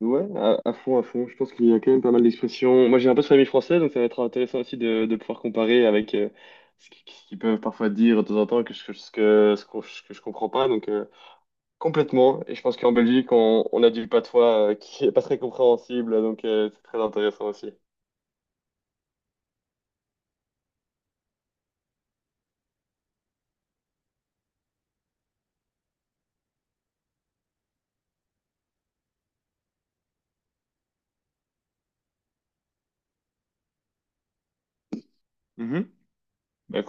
Ouais, à fond, à fond. Je pense qu'il y a quand même pas mal d'expressions. Moi, j'ai un peu de famille française, donc ça va être intéressant aussi de pouvoir comparer avec ce qu'ils peuvent parfois dire de temps en temps, que je, ce que, ce qu'on- ce que je comprends pas. Donc, complètement. Et je pense qu'en Belgique, on a du patois qui est pas très compréhensible, donc c'est très intéressant aussi. Mhm. Bah,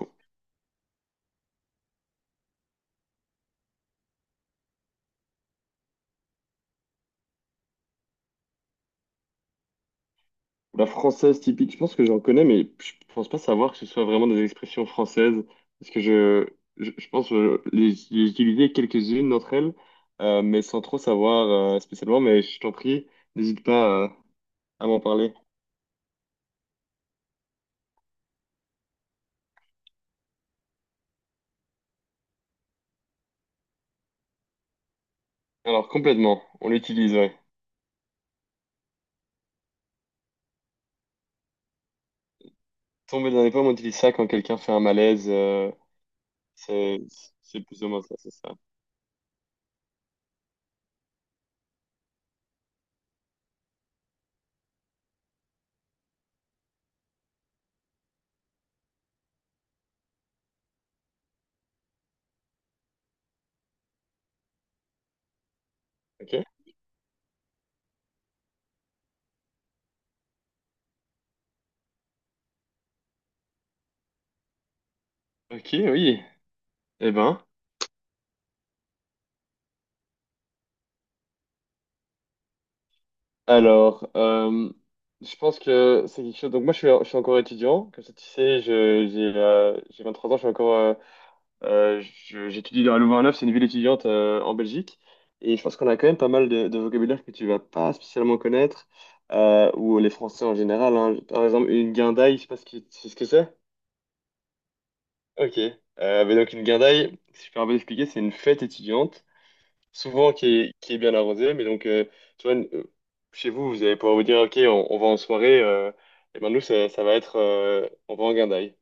la française typique, je pense que j'en connais, mais je pense pas savoir que ce soit vraiment des expressions françaises, parce que je pense que les j'ai utilisé quelques-unes d'entre elles, mais sans trop savoir spécialement, mais je t'en prie, n'hésite pas à m'en parler. Alors complètement, on l'utilise, ouais. Tomber dans les pommes, on utilise ça quand quelqu'un fait un malaise, c'est c'est plus ou moins ça, c'est ça. Ok? Ok, oui. Eh ben. Alors, je pense que c'est quelque chose. Donc, moi, je suis encore étudiant. Comme ça, tu sais, je, j'ai 23 ans, je suis encore. Je- j'étudie dans à Louvain-la-Neuve, c'est une ville étudiante en Belgique. Et je pense qu'on a quand même pas mal de vocabulaire que tu vas pas spécialement connaître, ou les Français en général, hein. Par exemple, une guindaille, je sais pas c'est ce que c'est. Ok. Mais donc, une guindaille, si je peux un peu expliquer, c'est une fête étudiante souvent qui est bien arrosé. Mais donc, tu vois, chez vous, vous allez pouvoir vous dire, OK, on va en soirée. Et ben nous, ça va être, on va en guindaille.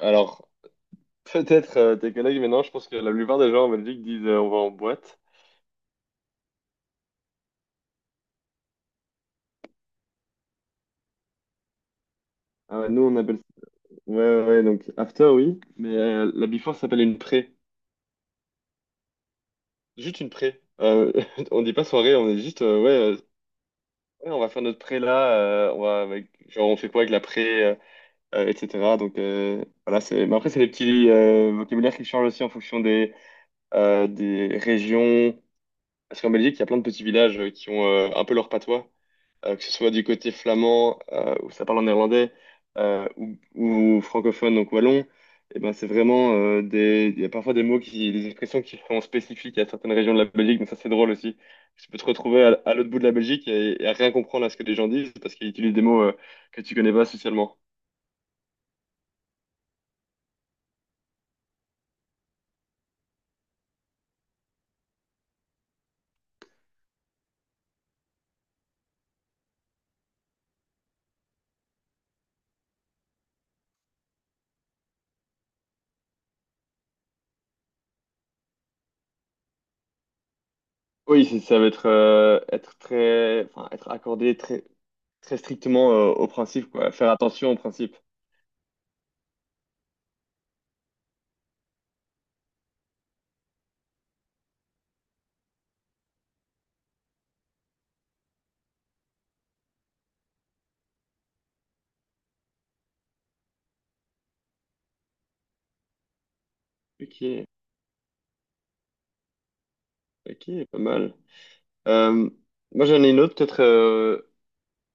Alors, peut-être tes collègues, mais non, je pense que la plupart des gens en Belgique disent, on va en boîte. Ah ouais, nous, on appelle ça. Ouais, ouais, ouais, donc after, oui. Mais la before s'appelle une pré. Juste une pré. On dit pas soirée, on est juste, ouais, ouais, on va faire notre pré là. On va genre, on fait quoi avec la pré? Etc. Donc voilà, c'est. Mais après, c'est des petits vocabulaires qui changent aussi en fonction des régions. Parce qu'en Belgique, il y a plein de petits villages qui ont un peu leur patois, que ce soit du côté flamand, où ça parle en néerlandais, ou francophone, donc wallon. Et ben, c'est vraiment, des. Il y a parfois des expressions qui sont spécifiques à certaines régions de la Belgique, donc ça, c'est drôle aussi. Tu peux te retrouver à l'autre bout de la Belgique et à rien comprendre à ce que les gens disent parce qu'ils utilisent des mots que tu connais pas socialement. Oui, ça va être, être très, enfin, être accordé très, très strictement au principe, quoi. Faire attention au principe. Ok, ok, pas mal. Euh, moi, j'en ai une autre, peut-être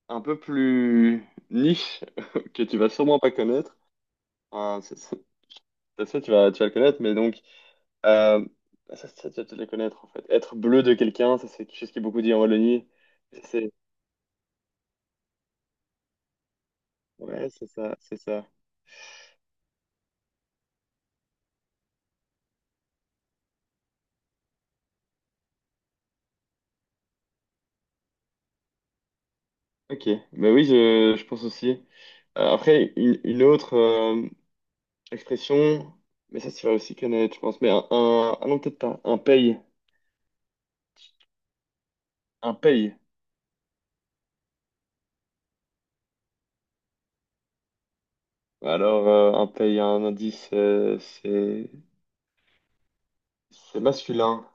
un peu plus niche, que tu vas sûrement pas connaître. Enfin, c'est sûr, tu vas le connaître, mais donc, euh, bah, tu vas te les connaître, en fait. Être bleu de quelqu'un, ça, c'est quelque chose qui est beaucoup dit en Wallonie. Ça, C'est, ouais, c'est ça, c'est ça. Ok, bah oui, je pense aussi. Après, une autre expression, mais ça, tu vas aussi connaître, je pense, mais ah non, peut-être pas, un paye, un paye. Alors, un paye, un indice, c'est masculin,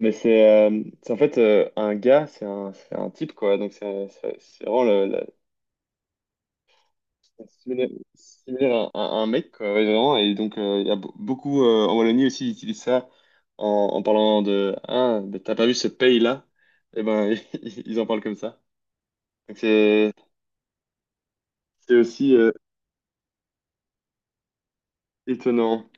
mais c'est en fait un gars, c'est un type, quoi, donc similaire, similaire à un mec, quoi, ouais, vraiment. Et donc, il y a beaucoup en Wallonie aussi, ils utilisent ça en, en parlant de Ah, mais t'as pas vu ce pays-là? Et ben, ils en parlent comme ça. Donc, c'est aussi étonnant.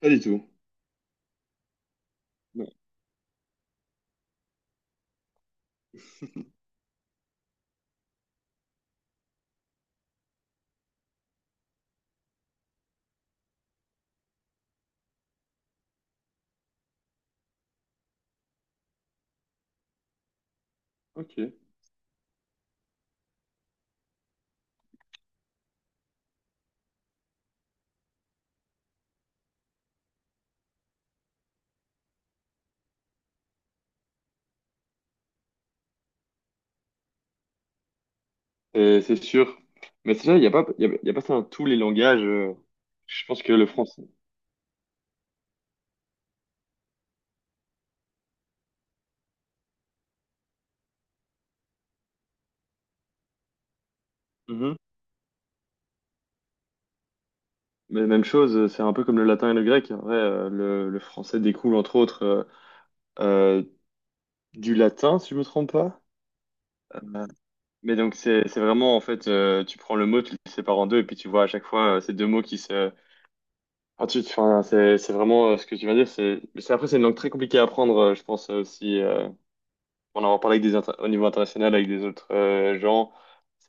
Pas du tout. Non. Ok. C'est sûr. Mais c'est vrai, il n'y a pas, il y a pas ça dans tous les langages. Je pense que le français. Mhm. Mais même chose, c'est un peu comme le latin et le grec. En vrai, le français découle entre autres euh, du latin, si je me trompe pas. Euh, Mais donc c'est vraiment en fait tu prends le mot, tu le sépares en deux et puis tu vois à chaque fois ces deux mots qui se enfin, c'est vraiment ce que tu viens dire après c'est une langue très compliquée à apprendre, je pense, aussi, pour en avoir parlé avec des au niveau international avec des autres gens,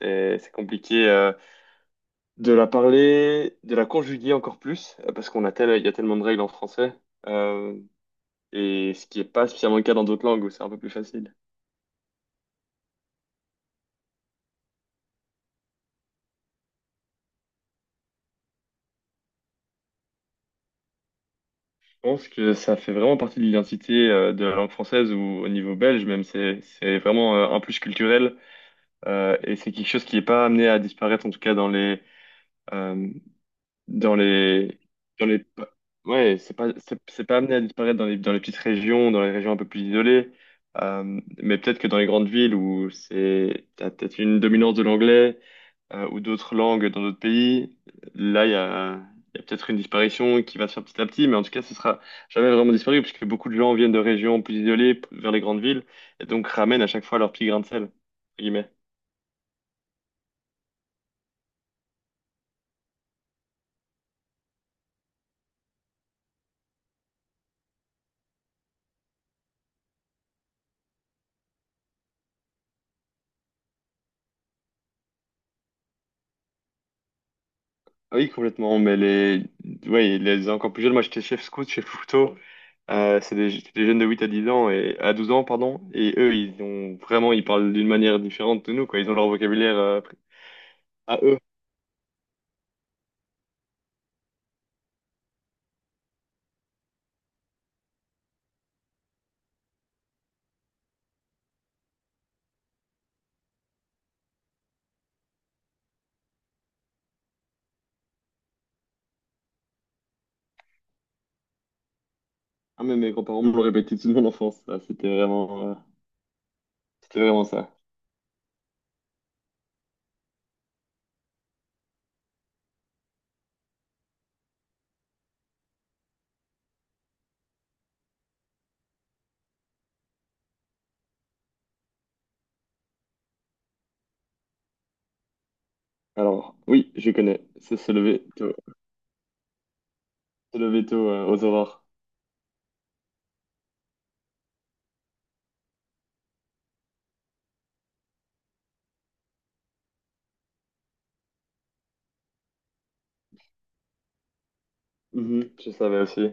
c'est compliqué, de la parler, de la conjuguer encore plus, parce qu'on a tel il y a tellement de règles en français, euh, et ce qui est pas spécialement le cas dans d'autres langues où c'est un peu plus facile. Je pense que ça fait vraiment partie de l'identité de la langue française ou au niveau belge, même c'est vraiment un plus culturel, et c'est quelque chose qui n'est pas amené à disparaître, en tout cas dans les euh, dans les dans les ouais, c'est pas amené à disparaître dans les petites régions, dans les régions un peu plus isolées. Mais peut-être que dans les grandes villes où c'est t'as peut-être une dominance de l'anglais, ou d'autres langues dans d'autres pays, là, il y a peut-être une disparition qui va se faire petit à petit, mais en tout cas, ce sera jamais vraiment disparu, puisque beaucoup de gens viennent de régions plus isolées vers les grandes villes, et donc ramènent à chaque fois leur petit grain de sel, entre guillemets. Ah oui, complètement, mais ouais, les encore plus jeunes, moi j'étais chef scout chez Fouto, c'est des jeunes de 8 à 10 ans, et à 12 ans, pardon, et eux, ils parlent d'une manière différente de nous, quoi, ils ont leur vocabulaire à eux. Ah, mais mes grands-parents me l'ont répété toute mon enfance, ça, c'était vraiment ça. Alors, oui, je connais. C'est se lever tôt aux aurores. Mhm, je savais aussi.